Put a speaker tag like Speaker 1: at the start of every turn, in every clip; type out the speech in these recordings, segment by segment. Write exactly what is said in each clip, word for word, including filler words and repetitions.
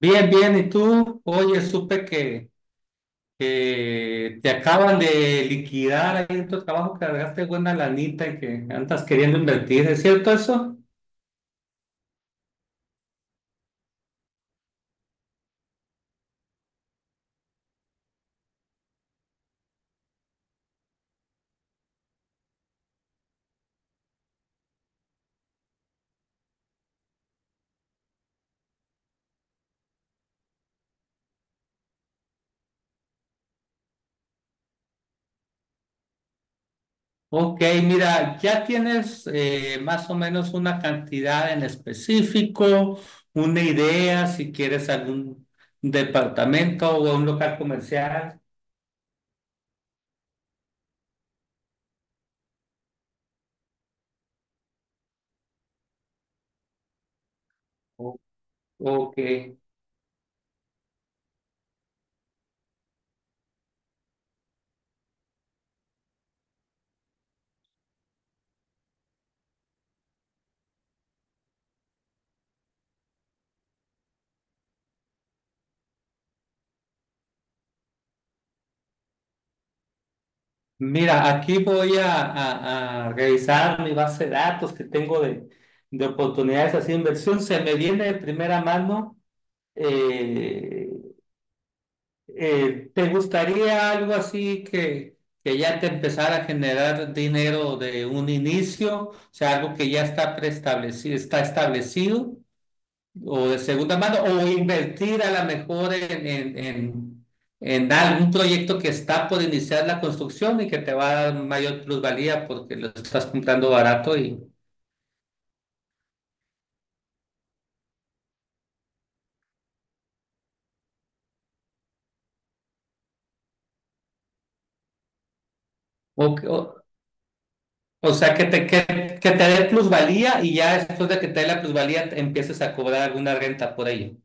Speaker 1: Bien, bien, ¿y tú? Oye, supe que, que te acaban de liquidar ahí en tu trabajo, que cargaste buena lanita y que andas queriendo invertir, ¿es cierto eso? Ok, mira, ¿ya tienes eh, más o menos una cantidad en específico, una idea, si quieres algún departamento o un local comercial? O- Ok. Mira, aquí voy a, a- a revisar mi base de datos que tengo de, de oportunidades así de inversión. Se me viene de primera mano. eh, eh, ¿te gustaría algo así que, que ya te empezara a generar dinero de un inicio? O sea, algo que ya está preestablecido, está establecido o de segunda mano o invertir a lo mejor en, en, en, en algún proyecto que está por iniciar la construcción y que te va a dar mayor plusvalía porque lo estás comprando barato y o, o, o sea que te que, que te dé plusvalía y ya después de que te dé la plusvalía empieces a cobrar alguna renta por ello.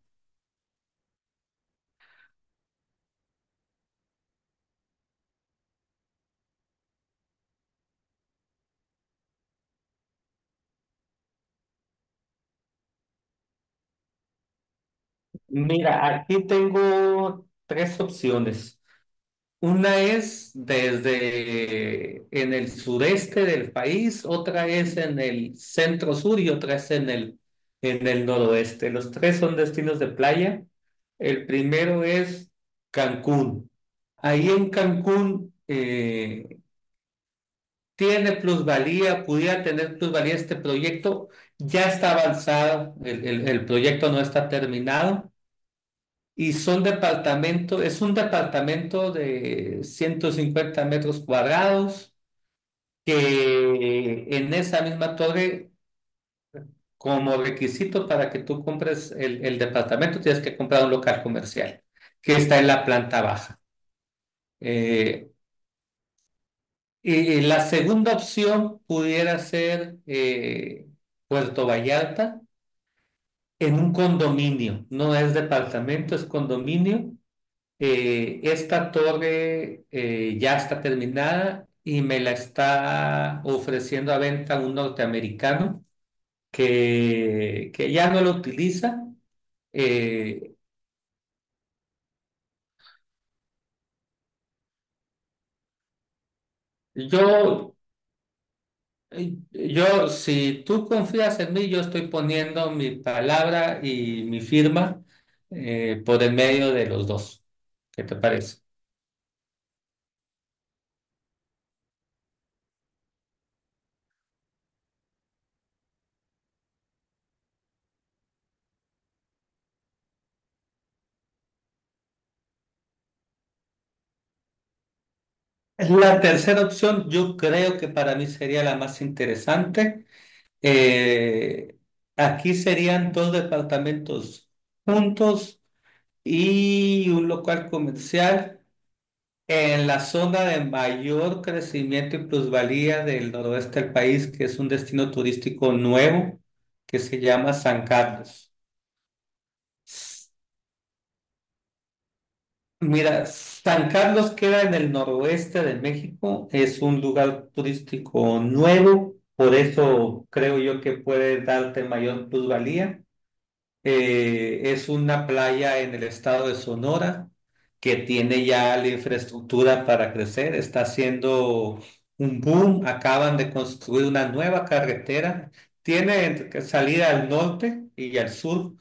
Speaker 1: Mira, aquí tengo tres opciones. Una es desde en el sureste del país, otra es en el centro sur y otra es en el, en el noroeste. Los tres son destinos de playa. El primero es Cancún. Ahí en Cancún eh, tiene plusvalía, pudiera tener plusvalía este proyecto. Ya está avanzado, el, el, el proyecto no está terminado y son departamento, es un departamento de ciento cincuenta metros cuadrados que en esa misma torre, como requisito para que tú compres el, el departamento, tienes que comprar un local comercial que está en la planta baja. Eh, y la segunda opción pudiera ser eh, Puerto Vallarta en un condominio, no es departamento, es condominio. Eh, esta torre eh, ya está terminada y me la está ofreciendo a venta un norteamericano que, que ya no lo utiliza. Eh, yo, yo, si tú confías en mí, yo estoy poniendo mi palabra y mi firma eh, por el medio de los dos. ¿Qué te parece? La tercera opción yo creo que para mí sería la más interesante. Eh, Aquí serían dos departamentos juntos y un local comercial en la zona de mayor crecimiento y plusvalía del noroeste del país, que es un destino turístico nuevo que se llama San Carlos. S- Mira, San Carlos queda en el noroeste de México, es un lugar turístico nuevo, por eso creo yo que puede darte mayor plusvalía. Eh, es una playa en el estado de Sonora que tiene ya la infraestructura para crecer, está haciendo un boom, acaban de construir una nueva carretera, tiene entre- salida al norte y al sur.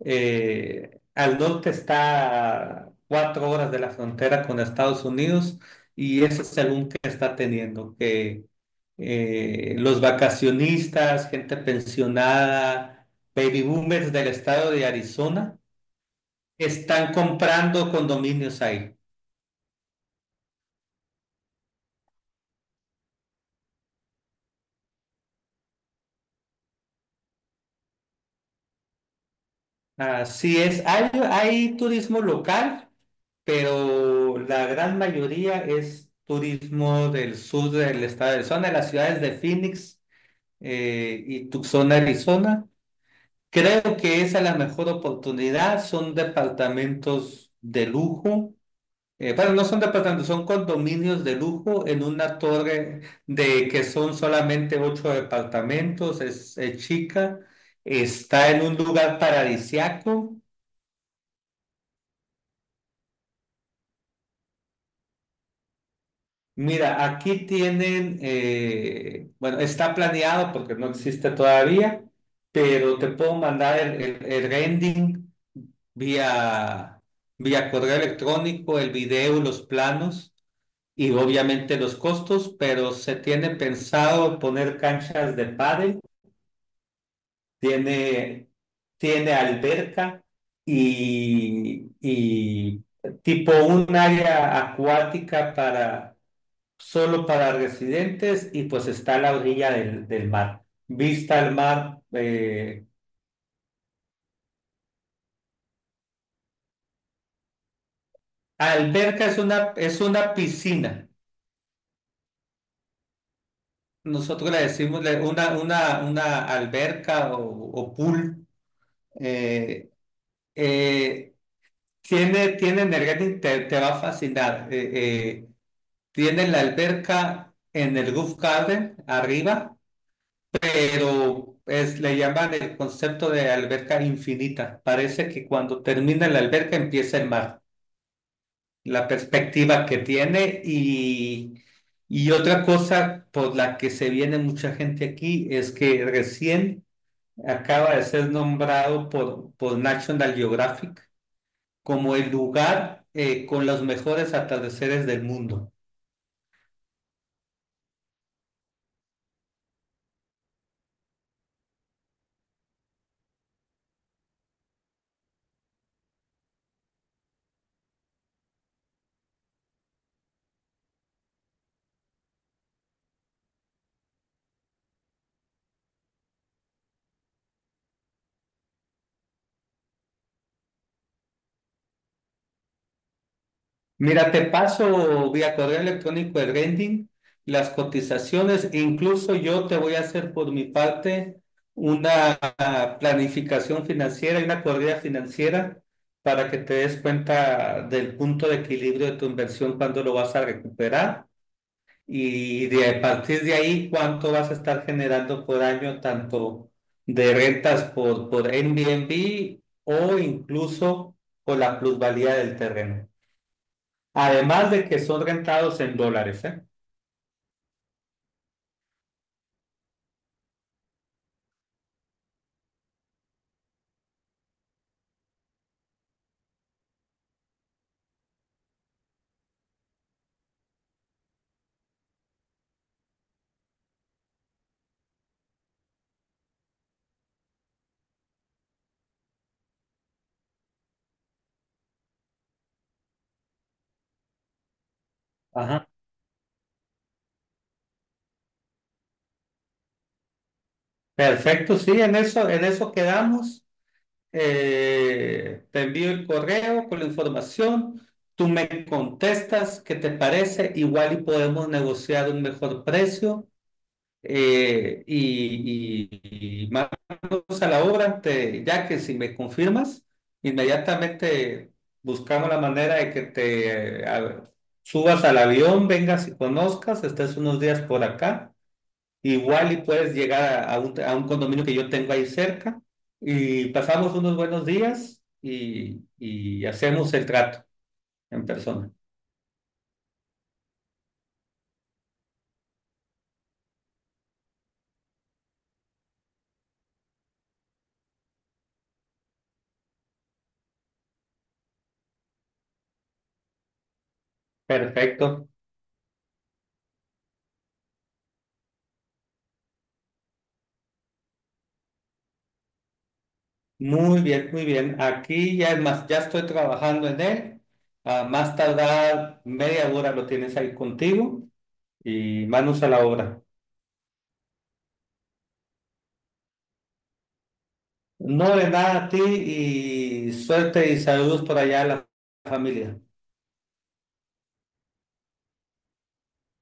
Speaker 1: Eh, al norte está a cuatro horas de la frontera con Estados Unidos y ese es el boom que está teniendo, que eh, los vacacionistas, gente pensionada, baby boomers del estado de Arizona están comprando condominios ahí. Así es, hay, hay turismo local, pero la gran mayoría es turismo del sur del estado de Arizona, de las ciudades de Phoenix eh, y Tucson, Arizona. Creo que esa es la mejor oportunidad, son departamentos de lujo. Eh, bueno, no son departamentos, son condominios de lujo en una torre de que son solamente ocho departamentos, es, es chica, está en un lugar paradisiaco. Mira, aquí tienen, eh, bueno, está planeado porque no existe todavía, pero te puedo mandar el, el, el rendering vía, vía correo electrónico, el video, los planos. Y obviamente los costos, pero se tiene pensado poner canchas de pádel, tiene, tiene alberca y, y tipo un área acuática para solo para residentes y pues está a la orilla del, del mar. Vista al mar. Eh, alberca es una, es una piscina. Nosotros le decimos le- una, una, una alberca o, o pool. eh, eh, Tiene, tiene Energetic, te, te va a fascinar. Eh, eh, tiene la alberca en el roof garden arriba, pero es, le llaman el concepto de alberca infinita. Parece que cuando termina la alberca empieza el mar, la perspectiva que tiene. Y y otra cosa por la que se viene mucha gente aquí es que recién acaba de ser nombrado por, por National Geographic como el lugar eh, con los mejores atardeceres del mundo. Mira, te paso vía correo electrónico el rending, las cotizaciones, e incluso yo te voy a hacer por mi parte una ah, planificación financiera y una corrida financiera para que te des cuenta del punto de equilibrio de tu inversión, cuando lo vas a recuperar. Y de a partir de ahí, ¿cuánto vas a estar generando por año, tanto de rentas por, por Airbnb o incluso por la plusvalía del terreno? Además de que son rentados en dólares, ¿eh? Ajá. Perfecto, sí, en eso, en eso quedamos. Eh, te envío el correo con la información. Tú me contestas qué te parece. Igual y podemos negociar un mejor precio. Eh, y y- y más a la obra, te, ya que si me confirmas, inmediatamente buscamos la manera de que te eh, a- subas al avión, vengas y conozcas, estés unos días por acá, igual y puedes llegar a, a un, a un condominio que yo tengo ahí cerca y pasamos unos buenos días y, y hacemos el trato en persona. Perfecto. Muy bien, muy bien. Aquí ya es más, ya estoy trabajando en él. A más tardar media hora lo tienes ahí contigo y manos a la obra. No, de nada a ti, y suerte y saludos por allá a la familia.